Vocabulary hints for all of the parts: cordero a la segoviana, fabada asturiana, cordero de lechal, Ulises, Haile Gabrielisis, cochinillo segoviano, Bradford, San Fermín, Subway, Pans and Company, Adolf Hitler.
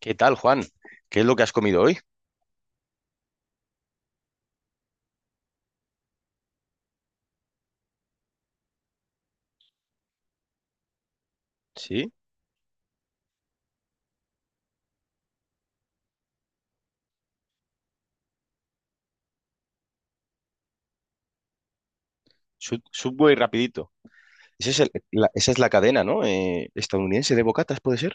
¿Qué tal, Juan? ¿Qué es lo que has comido hoy? Sí. Subway rapidito. Ese es esa es la cadena, ¿no? Estadounidense de bocatas, ¿puede ser?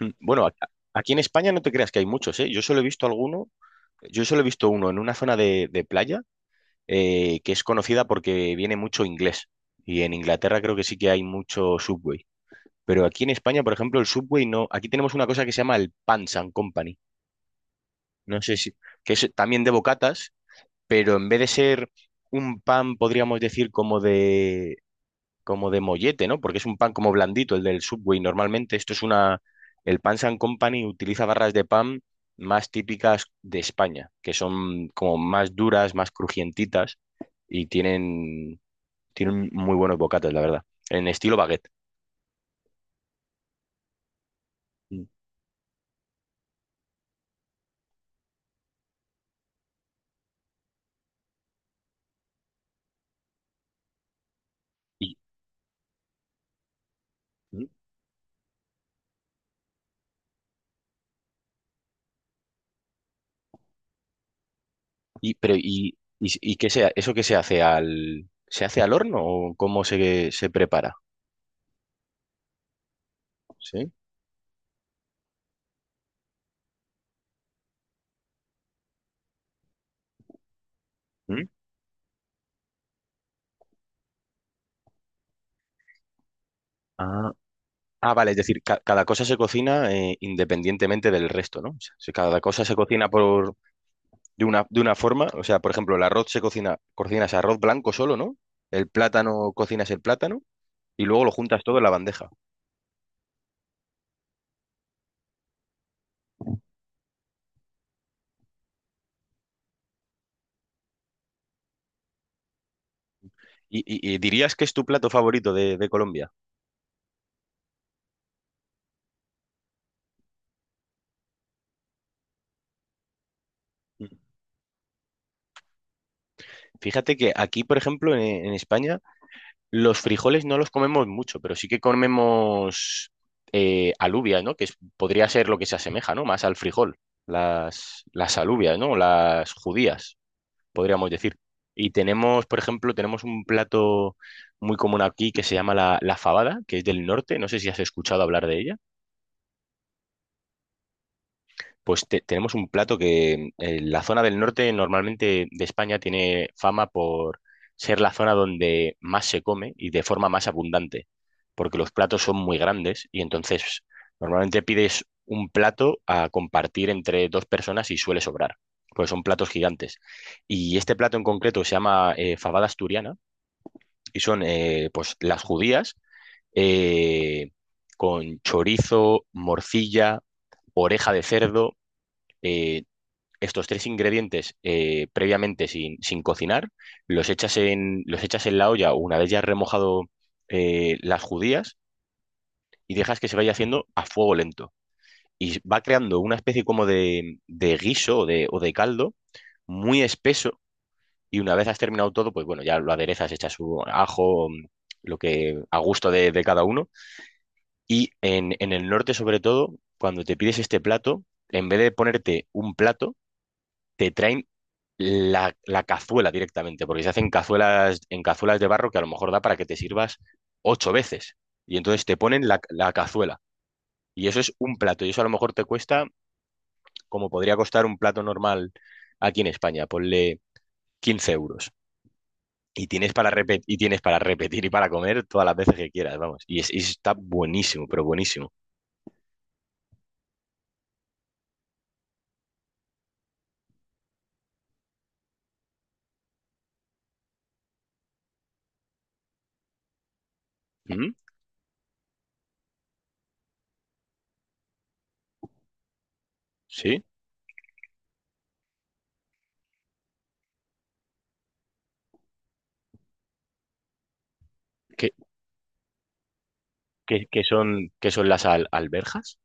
Mm. Bueno, aquí en España no te creas que hay muchos, ¿eh? Yo solo he visto alguno, yo solo he visto uno en una zona de playa, que es conocida porque viene mucho inglés. Y en Inglaterra creo que sí que hay mucho Subway. Pero aquí en España, por ejemplo, el Subway no. Aquí tenemos una cosa que se llama el Pans and Company. No sé si. Que es también de bocatas, pero en vez de ser un pan, podríamos decir, como de mollete, ¿no? Porque es un pan como blandito, el del Subway. Normalmente esto es una. El Pan and Company utiliza barras de pan más típicas de España, que son como más duras, más crujientitas y tienen muy buenos bocates, la verdad, en estilo baguette. Mm. Y, mm. ¿Eso qué se hace al horno, o cómo se prepara? ¿Sí? ¿Mm? Ah. Ah, vale, es decir, cada cosa se cocina, independientemente del resto, ¿no? O sea, si cada cosa se cocina por de una forma, o sea, por ejemplo, el arroz cocinas arroz blanco solo, ¿no? El plátano, cocinas el plátano y luego lo juntas todo en la bandeja. Y dirías que es tu plato favorito de Colombia. Mm. Fíjate que aquí, por ejemplo, en España, los frijoles no los comemos mucho, pero sí que comemos, alubias, ¿no? Que es- podría ser lo que se asemeja, ¿no? Más al frijol. Las alubias, ¿no? Las judías. Podríamos decir. Y tenemos, por ejemplo, tenemos un plato muy común aquí que se llama la fabada, que es del norte. No sé si has escuchado hablar de ella. Pues tenemos un plato que, la zona del norte normalmente de España tiene fama por ser la zona donde más se come y de forma más abundante, porque los platos son muy grandes y entonces normalmente pides un plato a compartir entre dos personas y suele sobrar, porque son platos gigantes. Y este plato en concreto se llama, fabada asturiana, y son, pues las judías eh, con chorizo, morcilla, oreja de cerdo. eh, Estos tres ingredientes, previamente sin cocinar, los echas en la olla una vez ya has remojado, las judías, y dejas que se vaya haciendo a fuego lento. Y va creando una especie como de guiso o de caldo muy espeso, y una vez has terminado todo, pues bueno, ya lo aderezas, echas su ajo, lo que a gusto de cada uno. Y en el norte, sobre todo, cuando te pides este plato, en vez de ponerte un plato, te traen la cazuela directamente, porque se hacen cazuelas, en cazuelas de barro que a lo mejor da para que te sirvas ocho veces. Y entonces te ponen la cazuela. Y eso es un plato. Y eso a lo mejor te cuesta, como podría costar un plato normal aquí en España, ponle 15 euros. Y tienes para repetir, y tienes para repetir y para comer todas las veces que quieras, vamos. Y está buenísimo, pero buenísimo. ¿Mm? ¿Sí? ¿Qué, qué son las alberjas?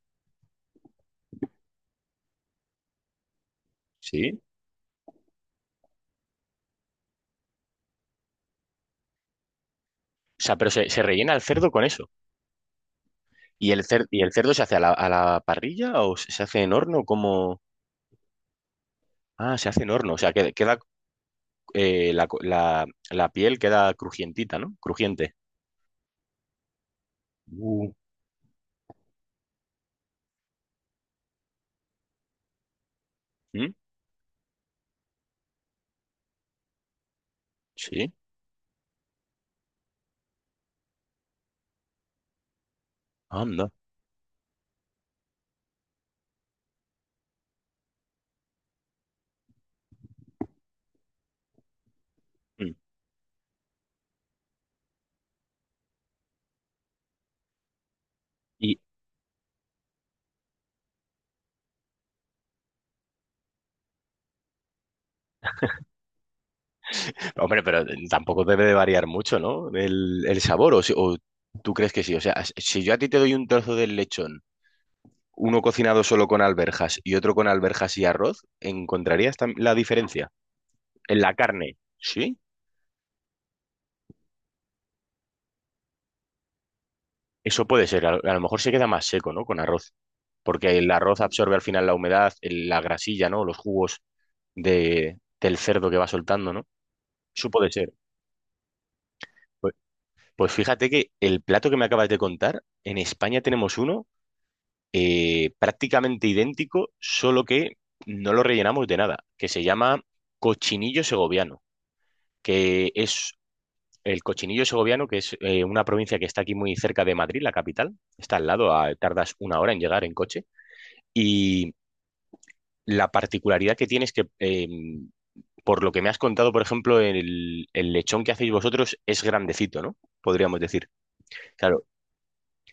¿Sí? O sea, pero se rellena el cerdo con eso. Y el cerdo se hace a la parrilla, o se hace en horno? Como Ah, se hace en horno. O sea, queda, eh, la, co- la- la piel queda crujientita, ¿no? Crujiente. Uh. ¿Mm? Sí. Anda. Mm. Y, hombre, pero tampoco debe de variar mucho, ¿no? El sabor, o, si- o tú crees que sí. O sea, si yo a ti te doy un trozo del lechón, uno cocinado solo con alberjas y otro con alberjas y arroz, ¿encontrarías la diferencia? En la carne, ¿sí? Eso puede ser. A lo mejor se queda más seco, ¿no? Con arroz. Porque el arroz absorbe al final la humedad, la grasilla, ¿no? Los jugos del cerdo que va soltando, ¿no? Eso puede ser. Pues, pues fíjate que el plato que me acabas de contar, en España tenemos uno, prácticamente idéntico, solo que no lo rellenamos de nada, que se llama cochinillo segoviano. Que es el cochinillo segoviano, que es, una provincia que está aquí muy cerca de Madrid, la capital, está al lado, tardas una hora en llegar en coche, y la particularidad que tiene es que, por lo que me has contado, por ejemplo, el lechón que hacéis vosotros es grandecito, ¿no? Podríamos decir. Claro.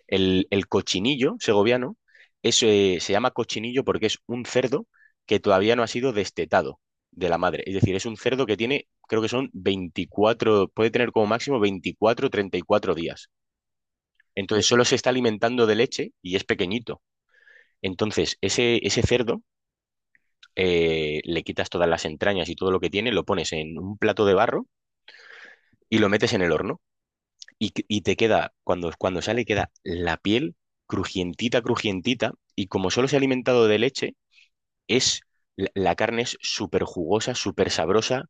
El cochinillo segoviano es, se llama cochinillo porque es un cerdo que todavía no ha sido destetado de la madre. Es decir, es un cerdo que tiene, creo que son 24, puede tener como máximo 24, 34 días. Entonces solo se está alimentando de leche y es pequeñito. Entonces ese cerdo, le quitas todas las entrañas y todo lo que tiene, lo pones en un plato de barro y lo metes en el horno. Y, y te queda, cuando sale, queda la piel crujientita, crujientita, y como solo se ha alimentado de leche, es, la carne es súper jugosa, súper sabrosa,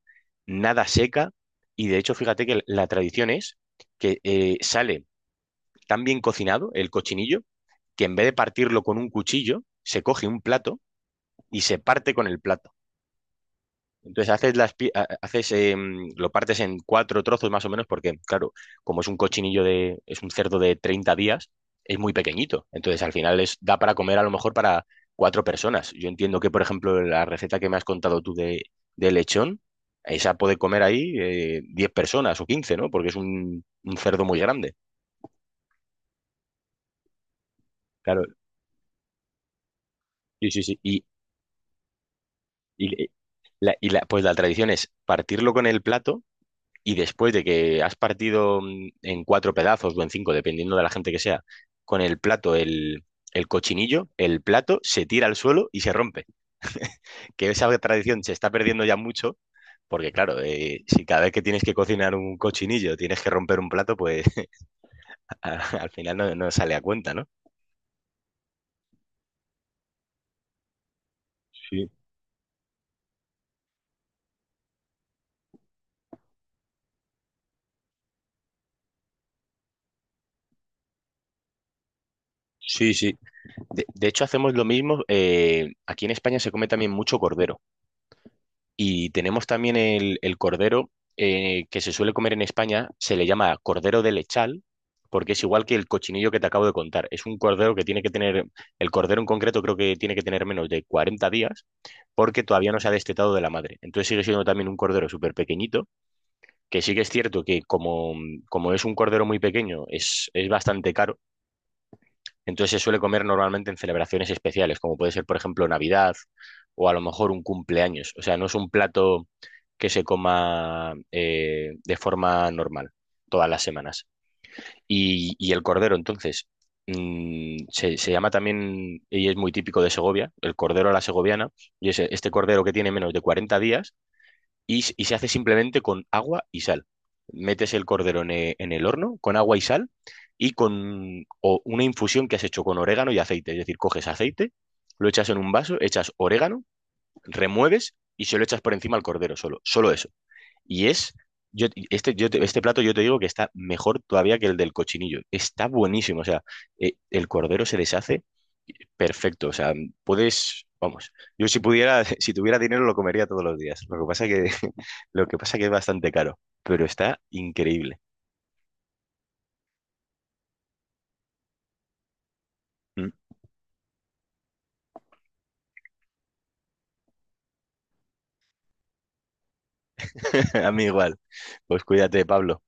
nada seca, y de hecho, fíjate que la tradición es que, sale tan bien cocinado el cochinillo, que en vez de partirlo con un cuchillo, se coge un plato y se parte con el plato. Entonces haces las pi- ha- haces lo partes en cuatro trozos más o menos, porque claro, como es un cochinillo de es un cerdo de 30 días, es muy pequeñito. Entonces al final es da para comer a lo mejor para cuatro personas. Yo entiendo que, por ejemplo, la receta que me has contado tú de lechón, esa puede comer ahí, 10 personas o 15, ¿no? Porque es un cerdo muy grande. Claro. Sí, sí, sí. Y y, pues la tradición es partirlo con el plato, y después de que has partido, en cuatro pedazos o en cinco, dependiendo de la gente que sea, con el plato, el cochinillo, el plato se tira al suelo y se rompe. Que esa tradición se está perdiendo ya mucho, porque claro, si cada vez que tienes que cocinar un cochinillo tienes que romper un plato, pues al final no sale a cuenta, ¿no? Sí, sí, sí. De hecho, hacemos lo mismo. Aquí en España se come también mucho cordero. Y tenemos también el cordero que se suele comer en España, se le llama cordero de lechal, porque es igual que el cochinillo que te acabo de contar. Es un cordero que tiene que tener, el cordero en concreto creo que tiene que tener menos de 40 días, porque todavía no se ha destetado de la madre. Entonces sigue siendo también un cordero súper pequeñito, que sí que es cierto que como es un cordero muy pequeño, es bastante caro. Entonces se suele comer normalmente en celebraciones especiales, como puede ser, por ejemplo, Navidad o a lo mejor un cumpleaños. O sea, no es un plato que se coma, de forma normal todas las semanas. Y el cordero, entonces, se llama también, y es muy típico de Segovia, el cordero a la segoviana, y es este cordero que tiene menos de 40 días, y, y se hace simplemente con agua y sal. Metes el cordero en el horno con agua y sal, y con o una infusión que has hecho con orégano y aceite. Es decir, coges aceite, lo echas en un vaso, echas orégano, remueves y se lo echas por encima al cordero solo. Solo eso. Y es, yo, este, yo te- Este plato yo te digo que está mejor todavía que el del cochinillo. Está buenísimo. O sea, el cordero se deshace perfecto, o sea, puedes, vamos, yo, si pudiera, si tuviera dinero lo comería todos los días. Lo que pasa que, lo que pasa que es bastante caro, pero está increíble. Mm. A mí igual. Pues cuídate, Pablo.